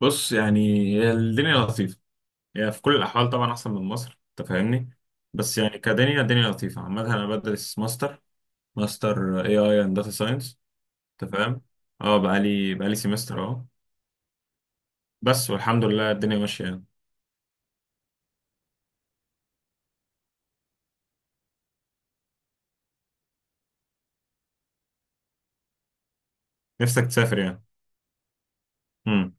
بص، يعني هي الدنيا لطيفة. هي في كل الأحوال طبعا أحسن من مصر، أنت فاهمني. بس يعني كدنيا الدنيا لطيفة عامة. أنا بدرس ماستر اي اي اند داتا ساينس، أنت فاهم. اه بقالي سيمستر اهو. بس والحمد لله الدنيا ماشية يعني. نفسك تسافر يعني. امم.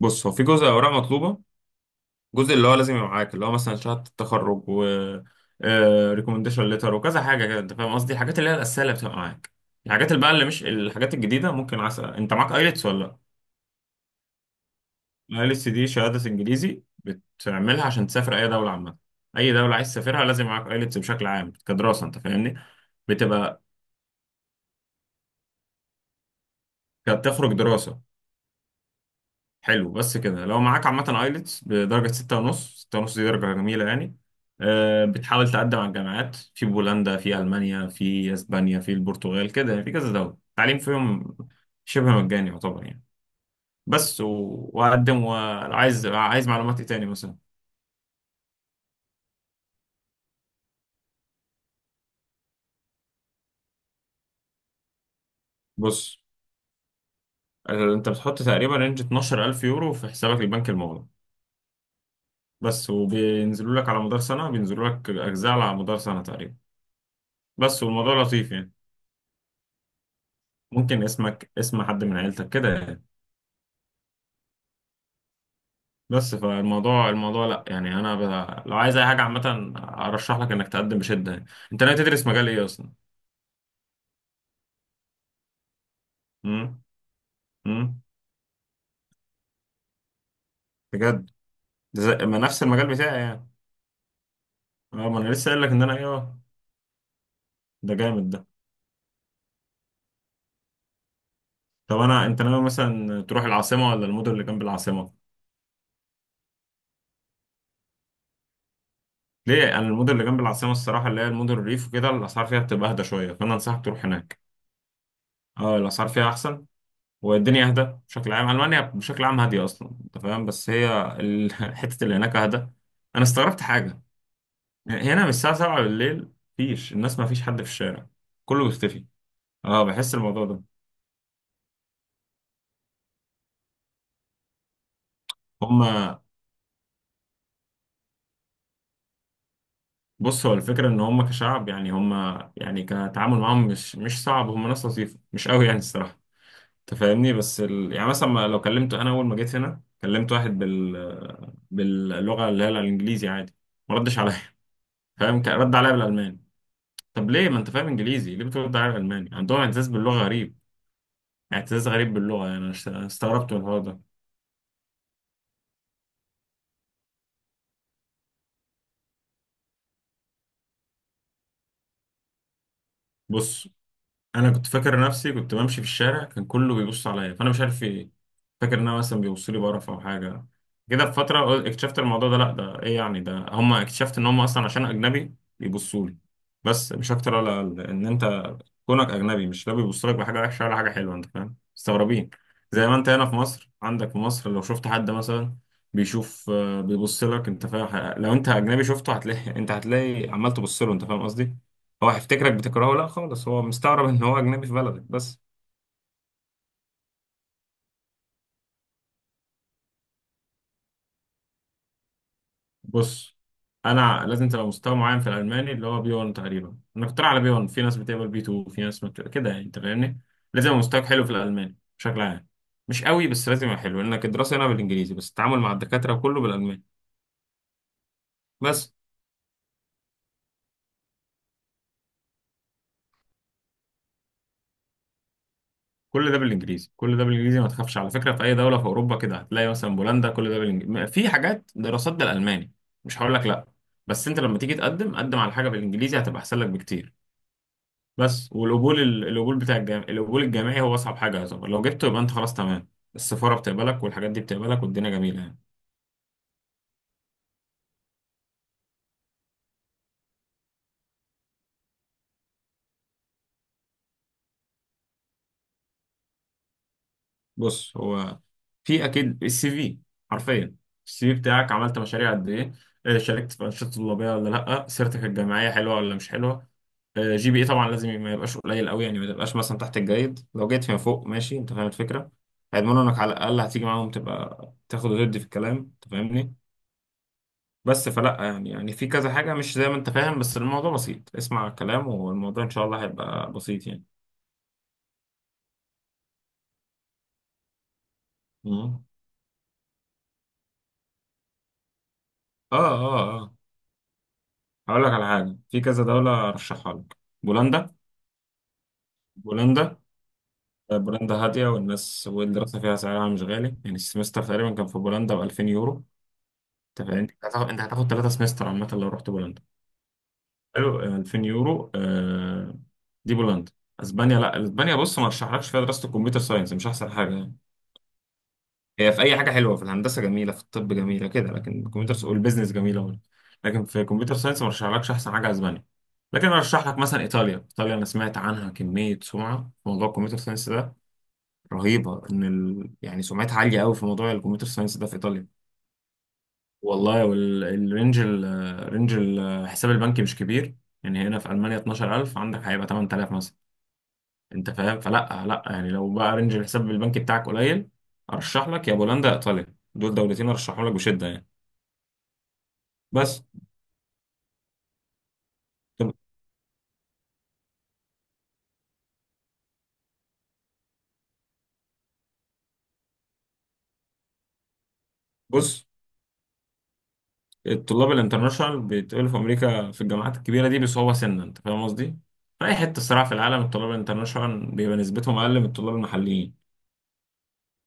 بص، هو في جزء أوراق مطلوبة، جزء اللي هو لازم يبقى معاك اللي هو مثلا شهادة التخرج و ريكومنديشن ليتر وكذا حاجة كده. أنت فاهم قصدي الحاجات اللي هي الأساسية اللي بتبقى معاك. الحاجات اللي بقى اللي مش الحاجات الجديدة. ممكن عسى أنت معاك ايلتس ولا لأ؟ الايلتس دي شهادة انجليزي بتعملها عشان تسافر اي دولة عامة. اي دولة عايز تسافرها لازم معاك ايلتس بشكل عام كدراسة، انت فاهمني. بتبقى بتخرج دراسة. حلو. بس كده لو معاك عامة ايلتس بدرجة ستة ونص، ستة ونص دي درجة جميلة يعني. بتحاول تقدم على الجامعات في بولندا، في المانيا، في اسبانيا، في البرتغال، كده يعني في كذا دولة التعليم فيهم شبه مجاني يعتبر يعني. بس و- وأقدم. وعايز معلومات إيه تاني مثلا. بص، انت بتحط تقريبا رينج 12,000 يورو في حسابك البنك المغلق. بس، وبينزلوا لك على مدار سنة، بينزلوا لك أجزاء على مدار سنة تقريبا. بس والموضوع لطيف يعني. ممكن اسمك، اسم حد من عيلتك كده يعني. بس فالموضوع لا يعني لو عايز اي حاجة عامة ارشح لك انك تقدم بشدة يعني. انت ناوي تدرس مجال ايه اصلا؟ امم. امم. بجد؟ ده ما نفس المجال بتاعي يعني. اه، ما انا لسه قايل لك ان انا ايه. ده جامد ده. طب انت ناوي مثلا تروح العاصمة ولا المدن اللي جنب العاصمة؟ ليه؟ انا المدن اللي جنب العاصمه الصراحه اللي هي المدن الريف وكده الاسعار فيها بتبقى اهدى شويه، فانا انصحك تروح هناك. اه، الاسعار فيها احسن والدنيا اهدى. بشكل عام، المانيا بشكل عام هاديه اصلا انت فاهم، بس هي حته اللي هناك اهدى. انا استغربت حاجه، هنا من الساعه 7 بالليل مفيش الناس، مفيش حد في الشارع، كله بيختفي. اه، بحس الموضوع ده. هما. بص، هو الفكره ان هما كشعب يعني، هما يعني كتعامل معاهم مش صعب، هما ناس لطيفه مش قوي يعني الصراحه، تفهمني. بس يعني مثلا لو كلمت، انا اول ما جيت هنا كلمت واحد باللغه اللي هي الانجليزي عادي، ما ردش عليا فاهم. كان رد عليا بالالماني. طب ليه؟ ما انت فاهم انجليزي، ليه بترد عليا بالالماني؟ عندهم اعتزاز باللغه غريب، اعتزاز غريب باللغه. يعني انا استغربت من الحوار ده. بص، انا كنت فاكر نفسي، كنت بمشي في الشارع كان كله بيبص عليا فانا مش عارف في ايه. فاكر ان انا مثلا بيبصوا لي بقرف او حاجه كده. في فتره اكتشفت الموضوع ده، لا ده ايه يعني، ده هم اكتشفت ان هم اصلا عشان اجنبي بيبصوا لي. بس مش اكتر ولا اقل، ان انت كونك اجنبي مش، لا بيبص لك بحاجه وحشه ولا حاجه حلوه، انت فاهم، مستغربين. زي ما انت هنا في مصر، عندك في مصر لو شفت حد مثلا بيشوف بيبص لك، انت فاهم. لو انت اجنبي شفته هتلاقي انت هتلاقي عمال تبص له، انت فاهم قصدي. هو هيفتكرك بتكرهه؟ لا خالص، هو مستغرب ان هو اجنبي في بلدك بس. بص، انا لازم تبقى مستوى معين في الالماني اللي هو بي 1 تقريبا. انا كنت رايح على بي 1، في ناس بتقبل بي 2، في ناس ما بت... كده يعني، انت فاهمني. لازم يبقى مستواك حلو في الالماني بشكل عام، مش قوي بس لازم يبقى حلو، لانك الدراسه هنا بالانجليزي بس التعامل مع الدكاتره كله بالالماني. بس. كل ده بالانجليزي، كل ده بالانجليزي، ما تخافش على فكره. في اي دوله في اوروبا كده هتلاقي، مثلا بولندا، كل ده بالانجليزي. في حاجات دراسات بالالماني، مش هقول لك لا، بس انت لما تيجي تقدم، قدم على حاجه بالانجليزي هتبقى احسن لك بكتير. بس والقبول القبول بتاع الجامعي، القبول الجامعي هو اصعب حاجه يعتبر. لو جبته يبقى انت خلاص تمام، السفاره بتقبلك والحاجات دي بتقبلك والدنيا جميله يعني. بص، هو في اكيد السي في، حرفيا السي في بتاعك. عملت مشاريع قد ايه؟ شاركت في انشطه طلابيه ولا لا؟ سيرتك الجامعيه حلوه ولا مش حلوه؟ جي بي اي طبعا لازم ما يبقاش قليل قوي يعني، ما تبقاش مثلا تحت الجيد، لو جيت فيما فوق ماشي، انت فاهم الفكره. هيضمنوا انك على الاقل هتيجي معاهم تبقى تاخد وتدي في الكلام، انت فاهمني. بس فلا يعني في كذا حاجة مش زي ما انت فاهم، بس الموضوع بسيط، اسمع الكلام والموضوع ان شاء الله هيبقى بسيط يعني. مم. اه اه اه. هقول لك على حاجة، في كذا دولة ارشحها لك. بولندا. بولندا. بولندا هادية، والناس والدراسة فيها سعرها مش غالي يعني. السمستر تقريبا كان في بولندا ب 2000 يورو، انت فاهم. انت هتاخد ثلاثة سمستر عامة لو رحت بولندا. حلو. 2000 يورو. دي بولندا. اسبانيا، لا، اسبانيا بص ما ارشحلكش فيها دراسة الكمبيوتر ساينس، مش احسن حاجة. هي في اي حاجه حلوه، في الهندسه جميله، في الطب جميله كده، لكن الكمبيوتر والبيزنس جميله برضه، لكن في كمبيوتر ساينس ما رشحلكش احسن حاجه اسبانيا. لكن ارشح لك مثلا ايطاليا. ايطاليا انا سمعت عنها كميه سمعه في موضوع الكمبيوتر ساينس ده رهيبه، يعني سمعتها عاليه قوي في موضوع الكمبيوتر ساينس ده في ايطاليا. والله. والرينج الحساب البنكي مش كبير يعني. هنا في المانيا 12,000 عندك هيبقى 8,000 مثلا، انت فاهم. فلا لا يعني لو بقى رينج الحساب البنكي بتاعك قليل، ارشح لك يا بولندا يا ايطاليا، دول دولتين ارشحهم لك بشده يعني. بس. طب بص، الطلاب الانترناشونال بيتقبلوا في امريكا في الجامعات الكبيره دي بصعوبه سنه، انت فاهم قصدي. في اي حته الصراحه في العالم الطلاب الانترناشونال بيبقى نسبتهم اقل من الطلاب المحليين.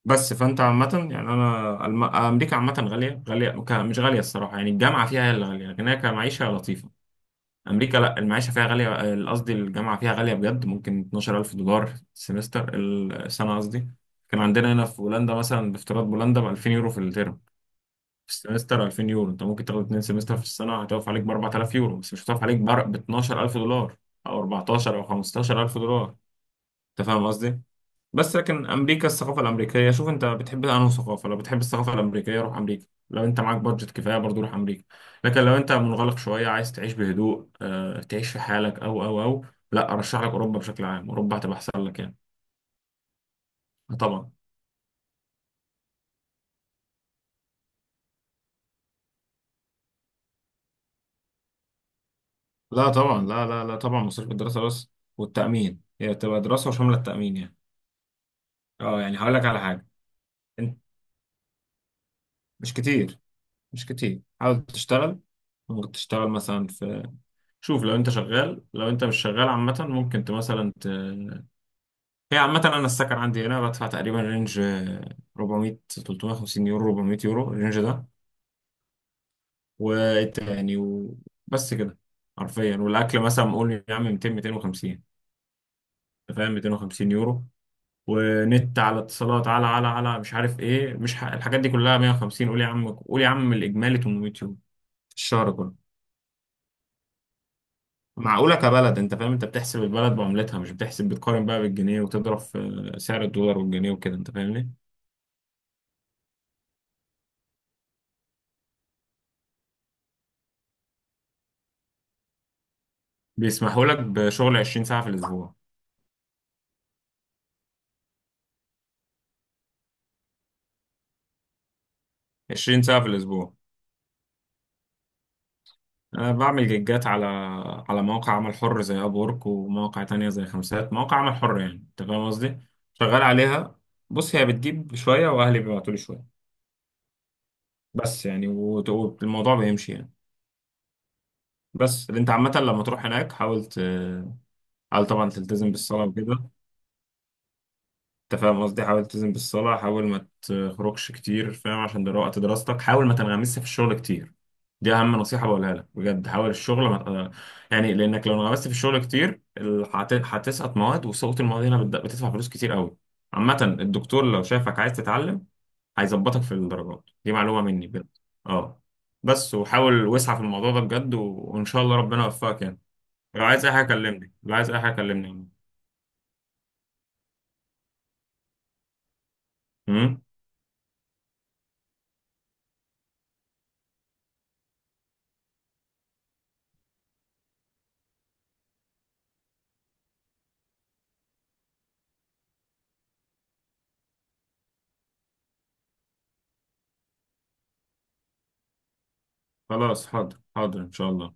بس فانت عامه يعني، انا امريكا عامه غاليه، غاليه، مش غاليه الصراحه يعني، الجامعه فيها هي اللي غاليه، لكن هي كمعيشه لطيفه. امريكا لا المعيشه فيها غاليه، قصدي الجامعه فيها غاليه بجد، ممكن 12,000 دولار السمستر، السنه قصدي. كان عندنا هنا في هولندا مثلا، بافتراض هولندا ب 2000 يورو في الترم، في السمستر 2000 يورو، انت ممكن تاخد اتنين سمستر في السنه، هتقف عليك ب 4,000 يورو، بس مش هتقف عليك ب 12,000 دولار، او 14 او 15,000 دولار، انت فاهم قصدي. بس لكن امريكا الثقافه الامريكيه، شوف انت بتحب انهي ثقافه. لو بتحب الثقافه الامريكيه روح امريكا، لو انت معاك بادجت كفايه برضو روح امريكا. لكن لو انت منغلق شويه عايز تعيش بهدوء، تعيش في حالك او لا، ارشح لك اوروبا بشكل عام، اوروبا هتبقى احسن لك يعني. آه طبعا. لا طبعا، لا لا لا، طبعا مصاريف الدراسه بس، والتامين، هي تبقى دراسه وشامله التامين يعني. اه، يعني هقول لك على حاجه. انت مش كتير، مش كتير، حاول تشتغل، ممكن تشتغل مثلا في، شوف لو انت شغال، لو انت مش شغال عامه ممكن مثلا. هي عامة أنا السكن عندي هنا بدفع تقريبا رينج، 400 350 يورو، 400 يورو الرينج ده والتاني وبس كده حرفيا. والأكل مثلا قول يا عم 200 250، أنت فاهم، 250 يورو. ونت على اتصالات، على على مش عارف إيه، مش ح... الحاجات دي كلها 150، قول يا عم، قول يا عم، الإجمالي 800 يورو في الشهر كله. معقولة كبلد أنت فاهم، أنت بتحسب البلد بعملتها، مش بتحسب بتقارن بقى بالجنيه وتضرب في سعر الدولار والجنيه وكده، أنت فاهمني. بيسمحوا لك بشغل 20 ساعة في الأسبوع. 20 ساعة في الأسبوع. أنا بعمل جيجات على مواقع عمل حر زي أب وورك، ومواقع تانية زي خمسات، مواقع عمل حر يعني، أنت فاهم قصدي؟ شغال عليها. بص، هي بتجيب شوية وأهلي بيبعتولي شوية، بس يعني والموضوع بيمشي يعني. بس اللي أنت عامة لما تروح هناك حاول حاول طبعا تلتزم بالصلاة وكده. انت فاهم قصدي، حاول تلتزم بالصلاة، حاول ما تخرجش كتير، فاهم، عشان ده وقت دراستك. حاول ما تنغمسش في الشغل كتير، دي أهم نصيحة بقولها لك بجد. حاول الشغل ما يعني، لأنك لو انغمست في الشغل كتير هتسقط مواد، وسقوط المواد هنا بتدفع فلوس كتير قوي. عامة الدكتور لو شافك عايز تتعلم هيظبطك في الدرجات، دي معلومة مني بجد. اه. بس وحاول واسعى في الموضوع ده بجد وإن شاء الله ربنا يوفقك يعني. لو عايز أي حاجة كلمني، لو عايز أي حاجة كلمني. امم. خلاص، حاضر حاضر إن شاء الله.